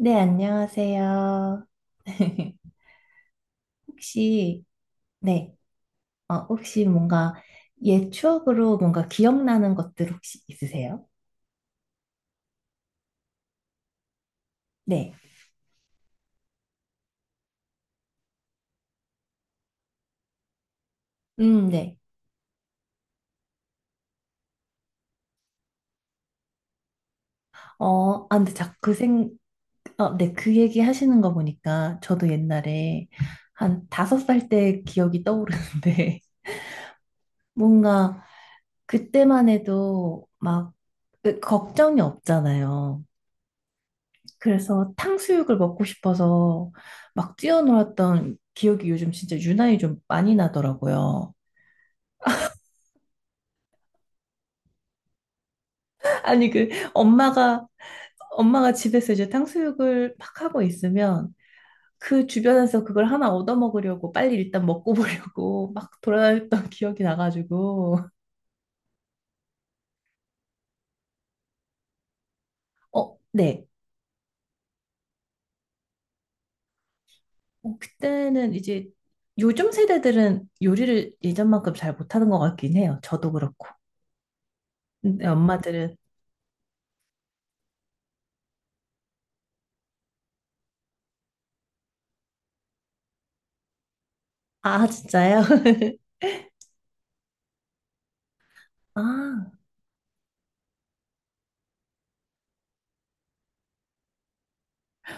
네, 안녕하세요. 혹시, 네, 혹시 뭔가 옛 추억으로 뭔가 기억나는 것들 혹시 있으세요? 네, 네. 근데 자꾸 네, 그 얘기 하시는 거 보니까 저도 옛날에 한 다섯 살 때 기억이 떠오르는데 뭔가 그때만 해도 막 걱정이 없잖아요. 그래서 탕수육을 먹고 싶어서 막 뛰어놀았던 기억이 요즘 진짜 유난히 좀 많이 나더라고요. 아니, 엄마가 집에서 이제 탕수육을 막 하고 있으면 그 주변에서 그걸 하나 얻어먹으려고 빨리 일단 먹고 보려고 막 돌아다녔던 기억이 나가지고. 네. 그때는 이제 요즘 세대들은 요리를 예전만큼 잘 못하는 것 같긴 해요. 저도 그렇고. 근데 엄마들은, 아, 진짜요? 아,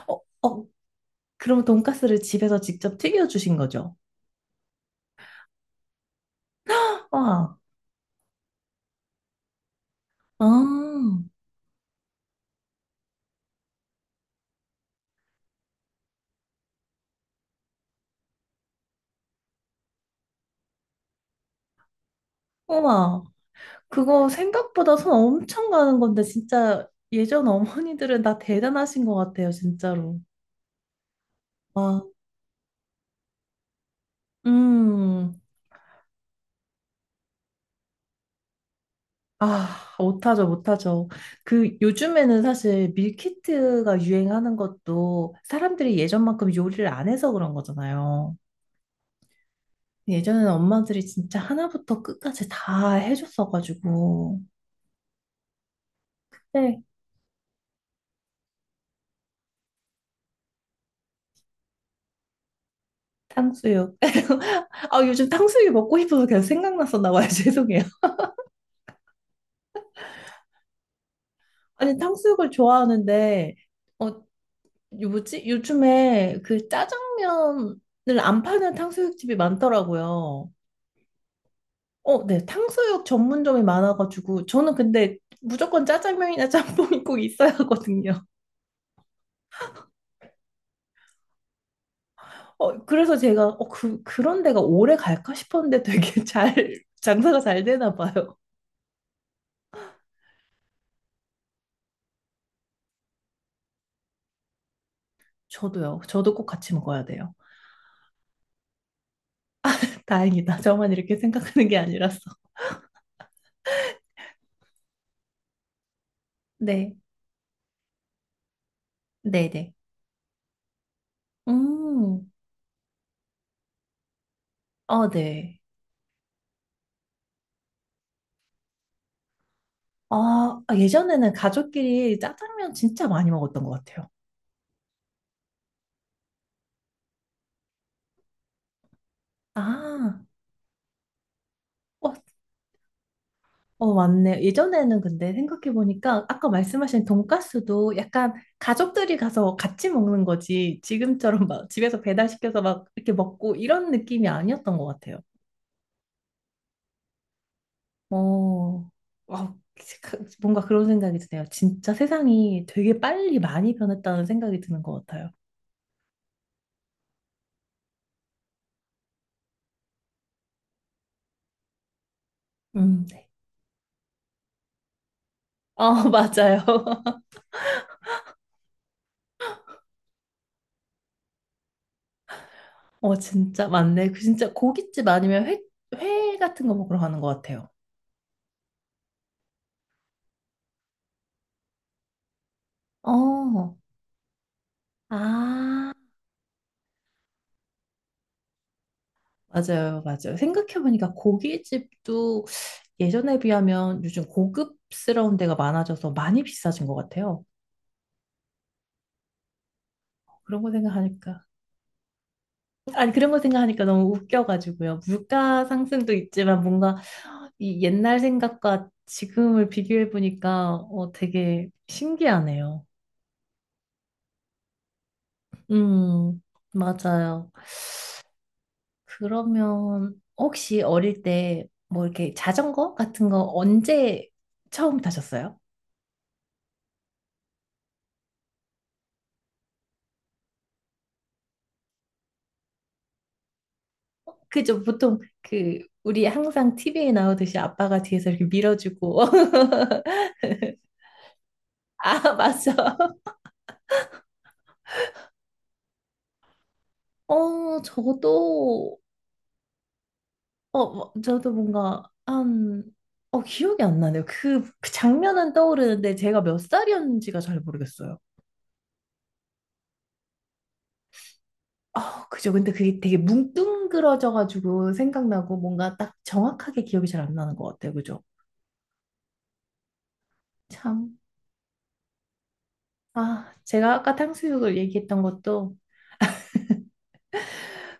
어, 어, 그럼 돈가스를 집에서 직접 튀겨주신 거죠? 와, 아, 우와. 그거 생각보다 손 엄청 가는 건데, 진짜 예전 어머니들은 다 대단하신 것 같아요, 진짜로. 와, 음, 아, 못하죠, 못하죠. 그 요즘에는 사실 밀키트가 유행하는 것도 사람들이 예전만큼 요리를 안 해서 그런 거잖아요. 예전에는 엄마들이 진짜 하나부터 끝까지 다 해줬어가지고. 네, 탕수육. 아, 요즘 탕수육이 먹고 싶어서 계속 생각났었나 봐요. 죄송해요. 아니, 탕수육을 좋아하는데, 어, 요 뭐지? 요즘에 그 짜장면을 안 파는 탕수육집이 많더라고요. 어, 네. 탕수육 전문점이 많아가지고, 저는 근데 무조건 짜장면이나 짬뽕이 꼭 있어야 하거든요. 그래서 그런 데가 오래 갈까 싶었는데 되게 잘, 장사가 잘 되나 봐요. 저도요. 저도 꼭 같이 먹어야 돼요. 다행이다. 저만 이렇게 생각하는 게 아니라서. 네. 네네. 음, 아, 네. 아, 아, 예전에는 가족끼리 짜장면 진짜 많이 먹었던 것 같아요. 아, 어, 맞네. 예전에는 근데 생각해보니까 아까 말씀하신 돈가스도 약간 가족들이 가서 같이 먹는 거지. 지금처럼 막 집에서 배달시켜서 막 이렇게 먹고 이런 느낌이 아니었던 것 같아요. 어, 와, 뭔가 그런 생각이 드네요. 진짜 세상이 되게 빨리 많이 변했다는 생각이 드는 것 같아요. 네. 어, 맞아요. 진짜 맞네. 그 진짜 고깃집 아니면 회, 회 같은 거 먹으러 가는 것 같아요. 어, 아, 맞아요, 맞아요. 생각해보니까 고깃집도 예전에 비하면 요즘 고급스러운 데가 많아져서 많이 비싸진 것 같아요. 그런 거 생각하니까. 아니, 그런 거 생각하니까 너무 웃겨가지고요. 물가 상승도 있지만 뭔가 이 옛날 생각과 지금을 비교해보니까 되게 신기하네요. 음, 맞아요. 그러면 혹시 어릴 때 뭐 이렇게 자전거 같은 거 언제 처음 타셨어요? 그죠? 보통 그 우리 항상 TV에 나오듯이 아빠가 뒤에서 이렇게 밀어주고 아 맞죠? 어 저도 저도 뭔가 한어 기억이 안 나네요. 그 장면은 떠오르는데 제가 몇 살이었는지가 잘 모르겠어요. 아 그죠? 근데 그게 되게 뭉뚱그러져가지고 생각나고 뭔가 딱 정확하게 기억이 잘 안 나는 것 같아요. 그죠? 참. 아, 제가 아까 탕수육을 얘기했던 것도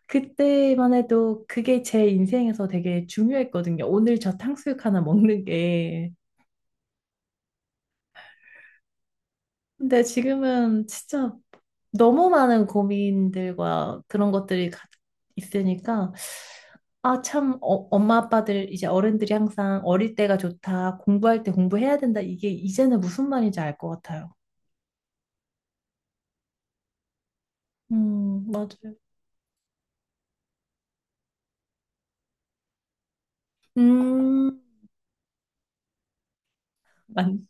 그때만 해도 그게 제 인생에서 되게 중요했거든요. 오늘 저 탕수육 하나 먹는 게. 근데 지금은 진짜 너무 많은 고민들과 그런 것들이 있으니까 아, 참, 엄마 아빠들 이제 어른들이 항상 어릴 때가 좋다, 공부할 때 공부해야 된다. 이게 이제는 무슨 말인지 알 것 같아요. 맞아요. 음, 만,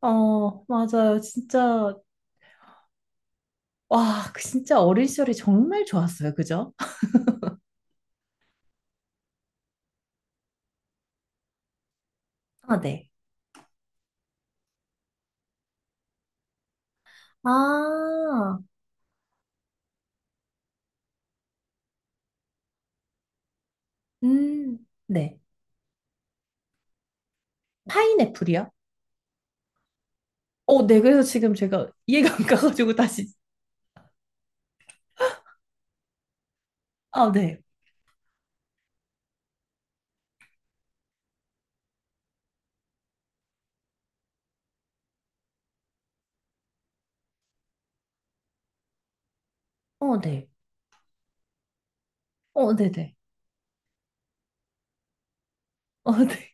맞아요. 진짜 와, 그 진짜 어린 시절이 정말 좋았어요. 그죠? 아, 네. 아, 음, 네. 파인애플이요? 어, 네. 그래서 지금 제가 이해가 안 가가지고 다시. 아, 네. 어, 네. 어, 네네. 어, 네.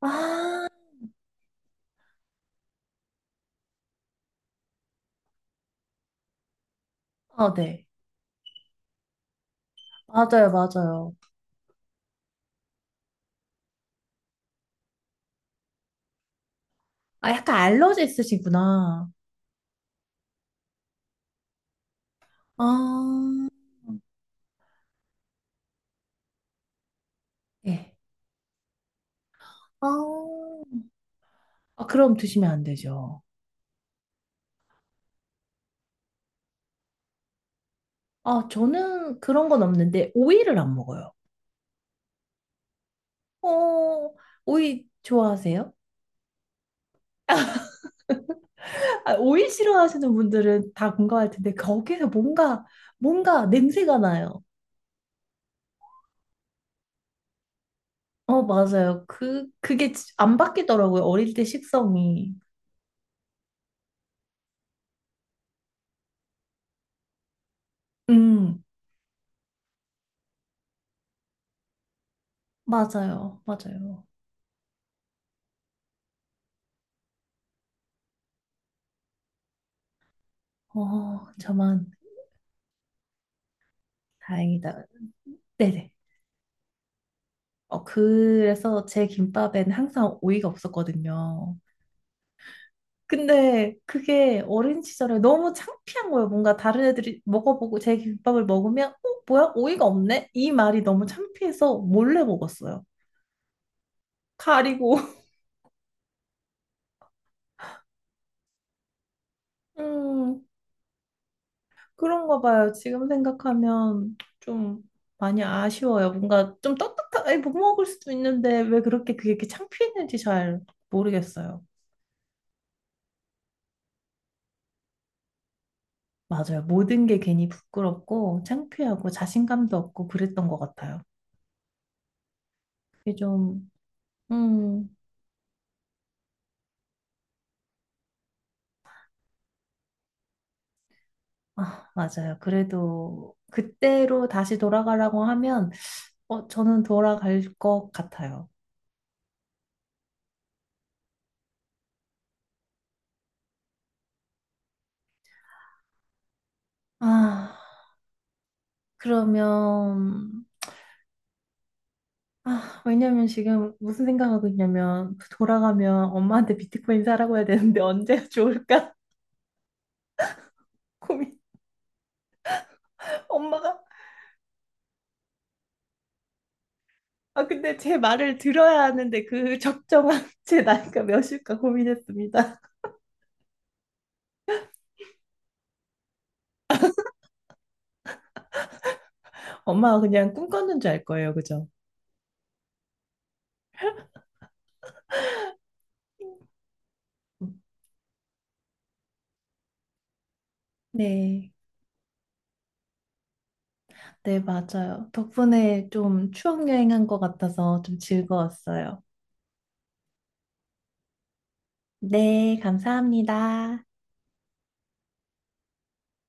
아, 아, 네. 맞아요, 맞아요. 아, 약간 알러지 있으시구나. 아, 네. 아, 아, 그럼 드시면 안 되죠. 아, 저는 그런 건 없는데, 오이를 안 먹어요. 어, 오이 좋아하세요? 아, 오이 싫어하시는 분들은 다 공감할 텐데 거기서 뭔가 냄새가 나요. 어, 맞아요. 그게 안 바뀌더라고요. 어릴 때 식성이. 음, 맞아요. 맞아요. 어, 저만 다행이다. 네네. 어, 그래서 제 김밥엔 항상 오이가 없었거든요. 근데 그게 어린 시절에 너무 창피한 거예요. 뭔가 다른 애들이 먹어보고 제 김밥을 먹으면 어, 뭐야? 오이가 없네? 이 말이 너무 창피해서 몰래 먹었어요. 가리고. 음, 그런가 봐요. 지금 생각하면 좀 많이 아쉬워요. 뭔가 좀 떳떳하게 못 먹을 수도 있는데 왜 그렇게 그게 이렇게 창피했는지 잘 모르겠어요. 맞아요. 모든 게 괜히 부끄럽고 창피하고 자신감도 없고 그랬던 것 같아요. 이게 좀, 음, 아, 맞아요. 그래도 그때로 다시 돌아가라고 하면 어, 저는 돌아갈 것 같아요. 아, 그러면 아, 왜냐면 지금 무슨 생각하고 있냐면 그 돌아가면 엄마한테 비트코인 사라고 해야 되는데 언제 좋을까? 고민. 엄마가 아 근데 제 말을 들어야 하는데 그 적정한 제 나이가 몇일까 고민했습니다. 엄마가 그냥 꿈꿨는 줄 알 거예요, 그죠? 네. 네, 맞아요. 덕분에 좀 추억 여행한 것 같아서 좀 즐거웠어요. 네, 감사합니다.